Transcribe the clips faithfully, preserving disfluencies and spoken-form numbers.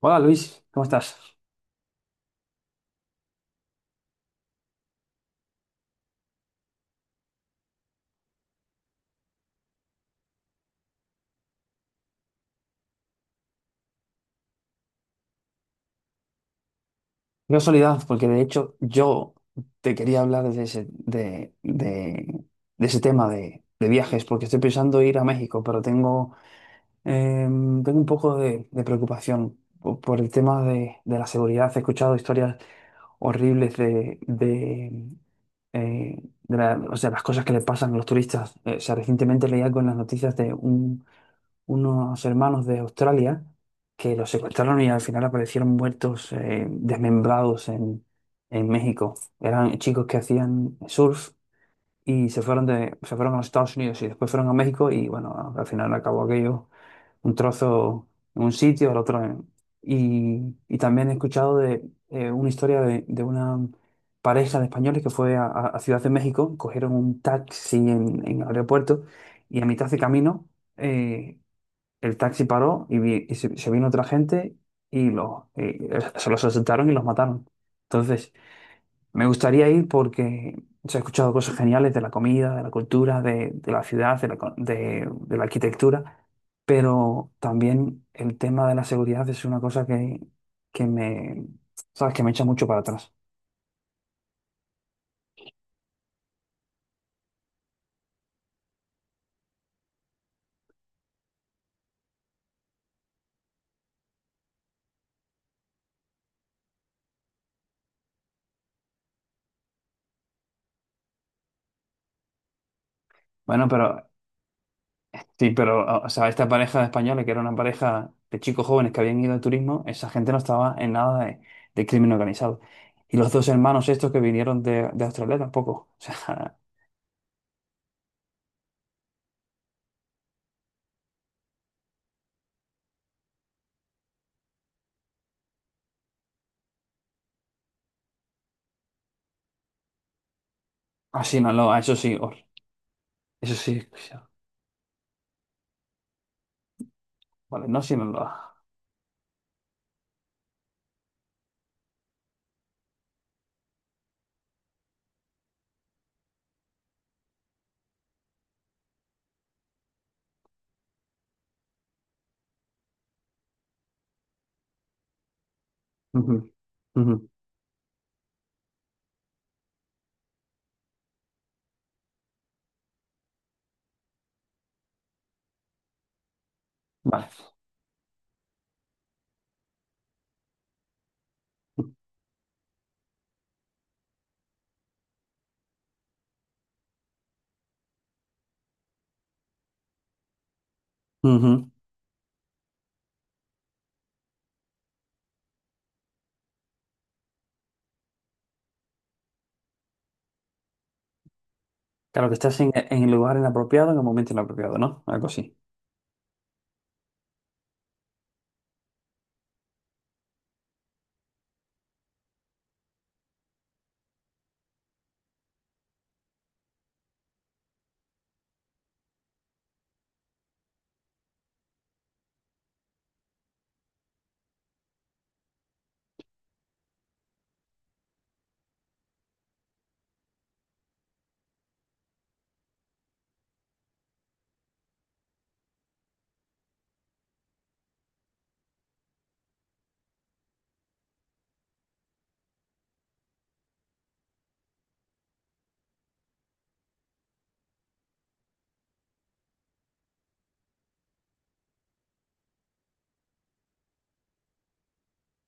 Hola Luis, ¿cómo estás? Qué casualidad, porque de hecho yo te quería hablar de ese, de, de- de ese tema de, de viajes, porque estoy pensando ir a México, pero tengo, eh, tengo un poco de, de preocupación po- por el tema de, de la seguridad. He escuchado historias horribles de, de, eh, de la- o sea, las cosas que le pasan a los turistas. Eh, o sea, recientemente leía con las noticias de un unos hermanos de Australia que los secuestraron y al final aparecieron muertos, eh, desmembrados en, en México. Eran chicos que hacían surf y se fueron de, se fueron a los Estados Unidos y después fueron a México y bueno, al final acabó aquello un trozo en un sitio, el otro en... Y, y también he escuchado de eh, una historia de, de una pareja de españoles que fue a, a- a Ciudad de México, cogieron un taxi en, en el aeropuerto y a mitad de camino eh, el taxi paró y, vi- y se, se vino otra gente y, lo, y se los asaltaron y los mataron. Entonces, me gustaría ir porque se ha escuchado cosas geniales de la comida, de la cultura, de, de la ciudad, de la, co- de, de la arquitectura, pero también el tema de la seguridad es una cosa que, que me, ¿sabes? Que me echa mucho para atrás. Bueno, pero sí, pero, ah, o sea, esta pareja de españoles, que era una pareja de chicos jóvenes que habían ido de turismo, esa gente no estaba en nada de, de crimen organizado. Y los dos hermanos estos que vinieron de, de Australia tampoco. O sea, a Sinaloa, eso sí, hor- eso sí. O sea, vale, no Sinaloa. Ujú, ujú, vale. Ujú. Claro, que estás en, en el lugar inapropiado, en el momento inapropiado, ¿no? Algo así.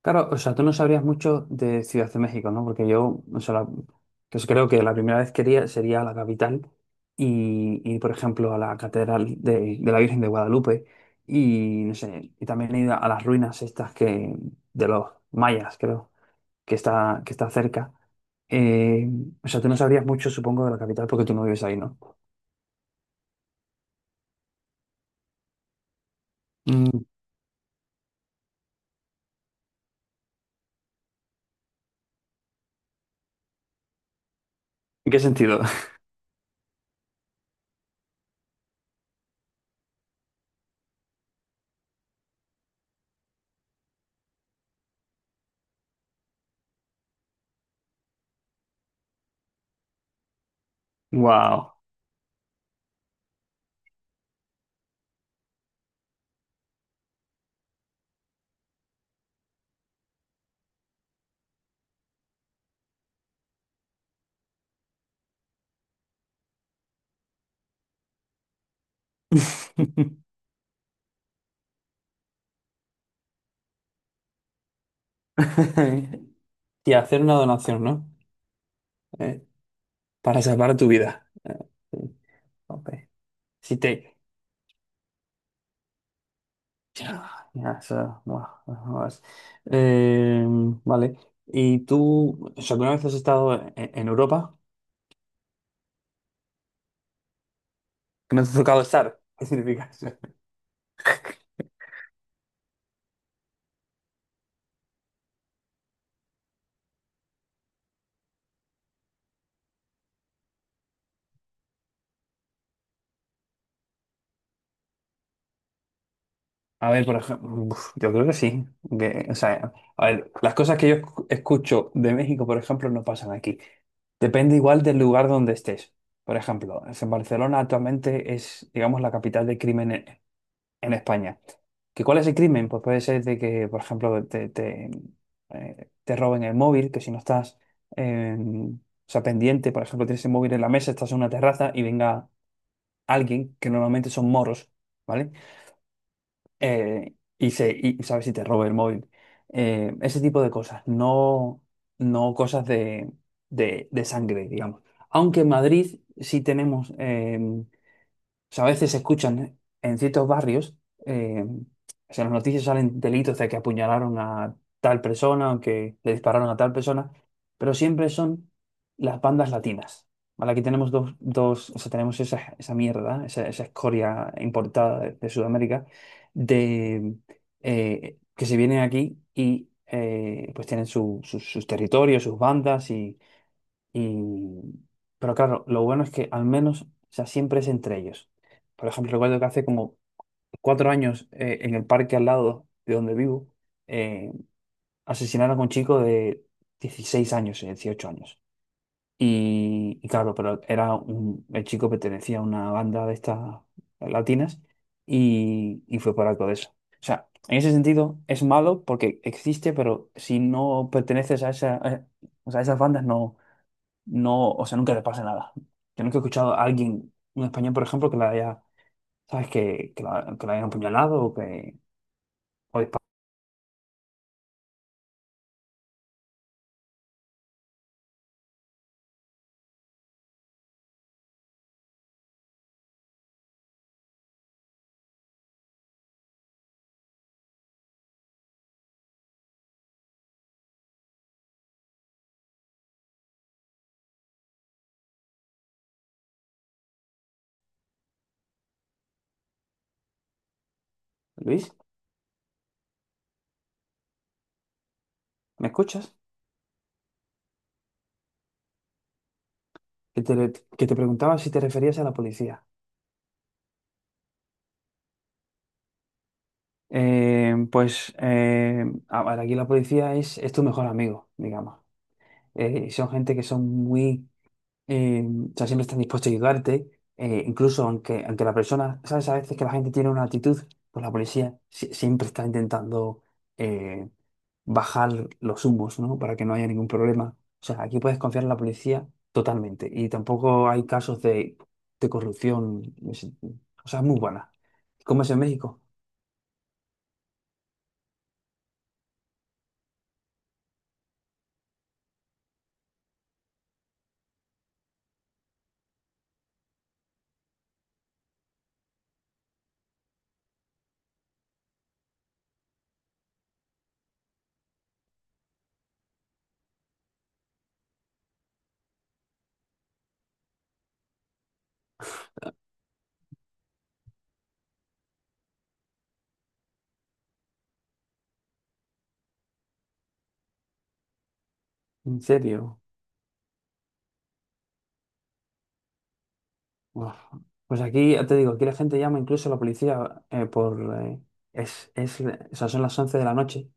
Claro, o sea, tú no sabrías mucho de Ciudad de México, ¿no? Porque yo, o sea, la- pues creo que la primera vez que iría sería a la capital y, y, por ejemplo, a la Catedral de, de la Virgen de Guadalupe y, no sé, y también he ido a las ruinas estas que, de los mayas, creo, que está, que está cerca. Eh, o sea, tú no sabrías mucho, supongo, de la capital porque tú no vives ahí, ¿no? Mm, ¿en qué sentido? Wow. Y hacer una donación, ¿no? Eh, para salvar tu vida. Ah, sí, ok. Si te... Ya, ya, eso, bueno, bueno, es- eh, vale. ¿Y tú, o sea, alguna vez has estado en, en Europa? ¿Que no te ha tocado estar? ¿Qué significa eso? A ver, por ejemplo, yo creo que sí. Que, o sea, a ver, las cosas que yo escu- escucho de México, por ejemplo, no pasan aquí. Depende igual del lugar donde estés. Por ejemplo, es en Barcelona actualmente es, digamos, la capital del crimen en España. ¿Que cuál es el crimen? Pues puede ser de que, por ejemplo, te, te, eh, te roben el móvil, que si no estás eh, o sea, pendiente, por ejemplo, tienes el móvil en la mesa, estás en una terraza y venga alguien, que normalmente son moros, ¿vale? Eh, y, se, y sabes si te roba el móvil. Eh, ese tipo de cosas, no, no cosas de, de, de sangre, digamos. Aunque en Madrid sí tenemos... eh, o sea, a veces se escuchan en ciertos barrios, eh, o sea, en las noticias salen delitos de que apuñalaron a tal persona o que le dispararon a tal persona, pero siempre son las bandas latinas, ¿vale? Aquí tenemos dos, dos o sea, tenemos esa, esa mierda, esa, esa escoria importada de, de Sudamérica, de, eh, que se vienen aquí y eh, pues tienen su- sus sus territorios, sus bandas y y, pero claro, lo bueno es que al menos, o sea, siempre es entre ellos. Por ejemplo, recuerdo que hace como cuatro años eh, en el parque al lado de donde vivo, eh, asesinaron a un chico de dieciséis años, eh, dieciocho años. Y, y claro, pero era un, el chico pertenecía a una banda de estas latinas y, y fue por algo de eso. O sea, en ese sentido es malo porque existe, pero si no perteneces a esa, a- o sea, a esas bandas no, no, o sea, nunca le pase nada. Yo nunca he escuchado a alguien, un español, por ejemplo, que la haya, ¿sabes? Que, que la, que la hayan apuñalado o que... o disparado. Luis, ¿me escuchas? Que te, que te preguntaba si te referías a la policía. Eh, pues, eh, a ver, aquí la policía es, es tu mejor amigo, digamos. Eh, son gente que son muy... eh, o sea, siempre están dispuestos a ayudarte. Eh, incluso aunque, aunque la persona, ¿sabes? A veces que la gente tiene una actitud, pues la policía si- siempre está intentando... eh, bajar los humos, ¿no? Para que no haya ningún problema. O sea, aquí puedes confiar en la policía totalmente. Y tampoco hay casos de, de corrupción. Es- o sea, es muy buena. ¿Cómo es en México? ¿En serio? Uf. Pues aquí, ya te digo, aquí la gente llama incluso a la policía eh, por... eh, es, es, o sea, son las once de la noche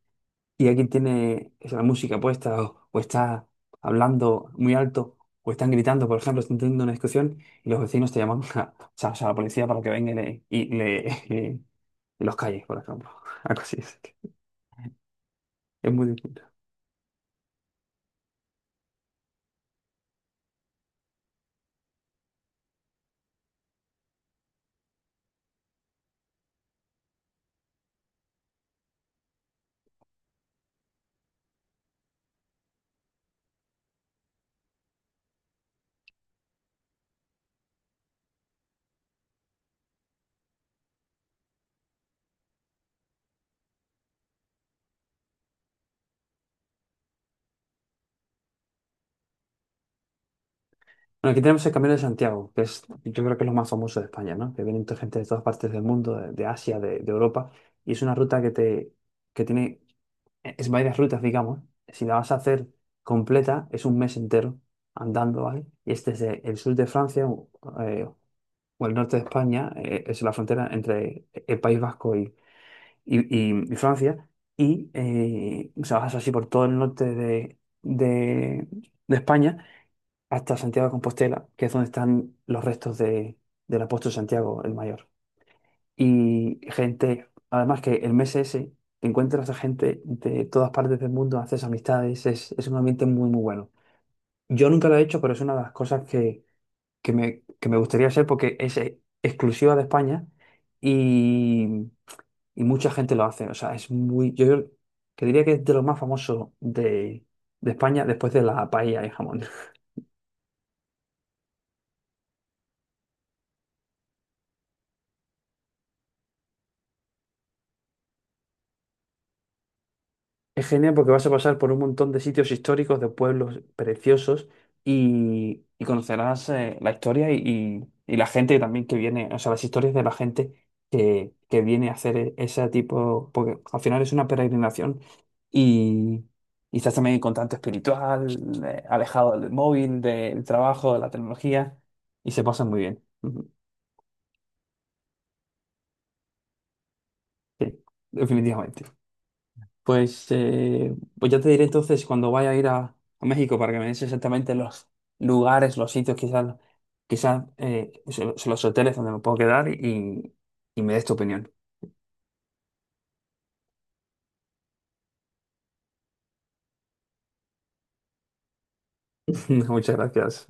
y alguien tiene esa música puesta o, o está hablando muy alto o están gritando, por ejemplo, están teniendo una discusión y los vecinos te llaman a, o sea, o sea, a la policía para que venga y, le, y, le- y- y los calles, por ejemplo. Algo así es. Es muy distinto. Bueno, aquí tenemos el Camino de Santiago, que es, yo creo que es lo más famoso de España, ¿no? Que vienen gente de todas partes del mundo, de, de Asia, de, de Europa, y es una ruta que te, que tiene e-, es varias rutas, digamos. Si la vas a hacer completa, es un mes entero andando, ¿vale? Y es desde el sur de Francia o, eh, o el norte de España, eh, es la frontera entre el País Vasco y, y- y- y Francia. Y eh, o sea, vas así por todo el norte de, de- de España hasta Santiago de Compostela, que es donde están los restos de, del apóstol Santiago el Mayor. Y gente, además que el mes ese, te encuentras a gente de todas partes del mundo, haces amistades, es, es un ambiente muy, muy bueno. Yo nunca lo he hecho, pero es una de las cosas que, que me, que me gustaría hacer porque es eh, exclusiva de España y, y mucha gente lo hace. O sea, es muy, yo, yo que diría que es de lo más famoso de, de España después de la paella y jamón. Es genial porque vas a pasar por un montón de sitios históricos, de pueblos preciosos y, y conocerás eh, la historia y, y- y la gente también que viene, o sea, las historias de la gente que, que viene a hacer e- ese tipo, porque al final es una peregrinación y, y estás también en contacto espiritual, eh, alejado del móvil, del trabajo, de la tecnología y se pasa muy bien. Ujú, sí, definitivamente. Pues, eh, pues ya te diré entonces cuando vaya a ir a, a México para que me des exactamente los lugares, los sitios, quizás quizás eh, so- so- los hoteles donde me puedo quedar y, y me des tu opinión. Muchas gracias.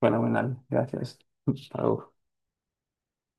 Fenomenal. Gracias. Hasta luego.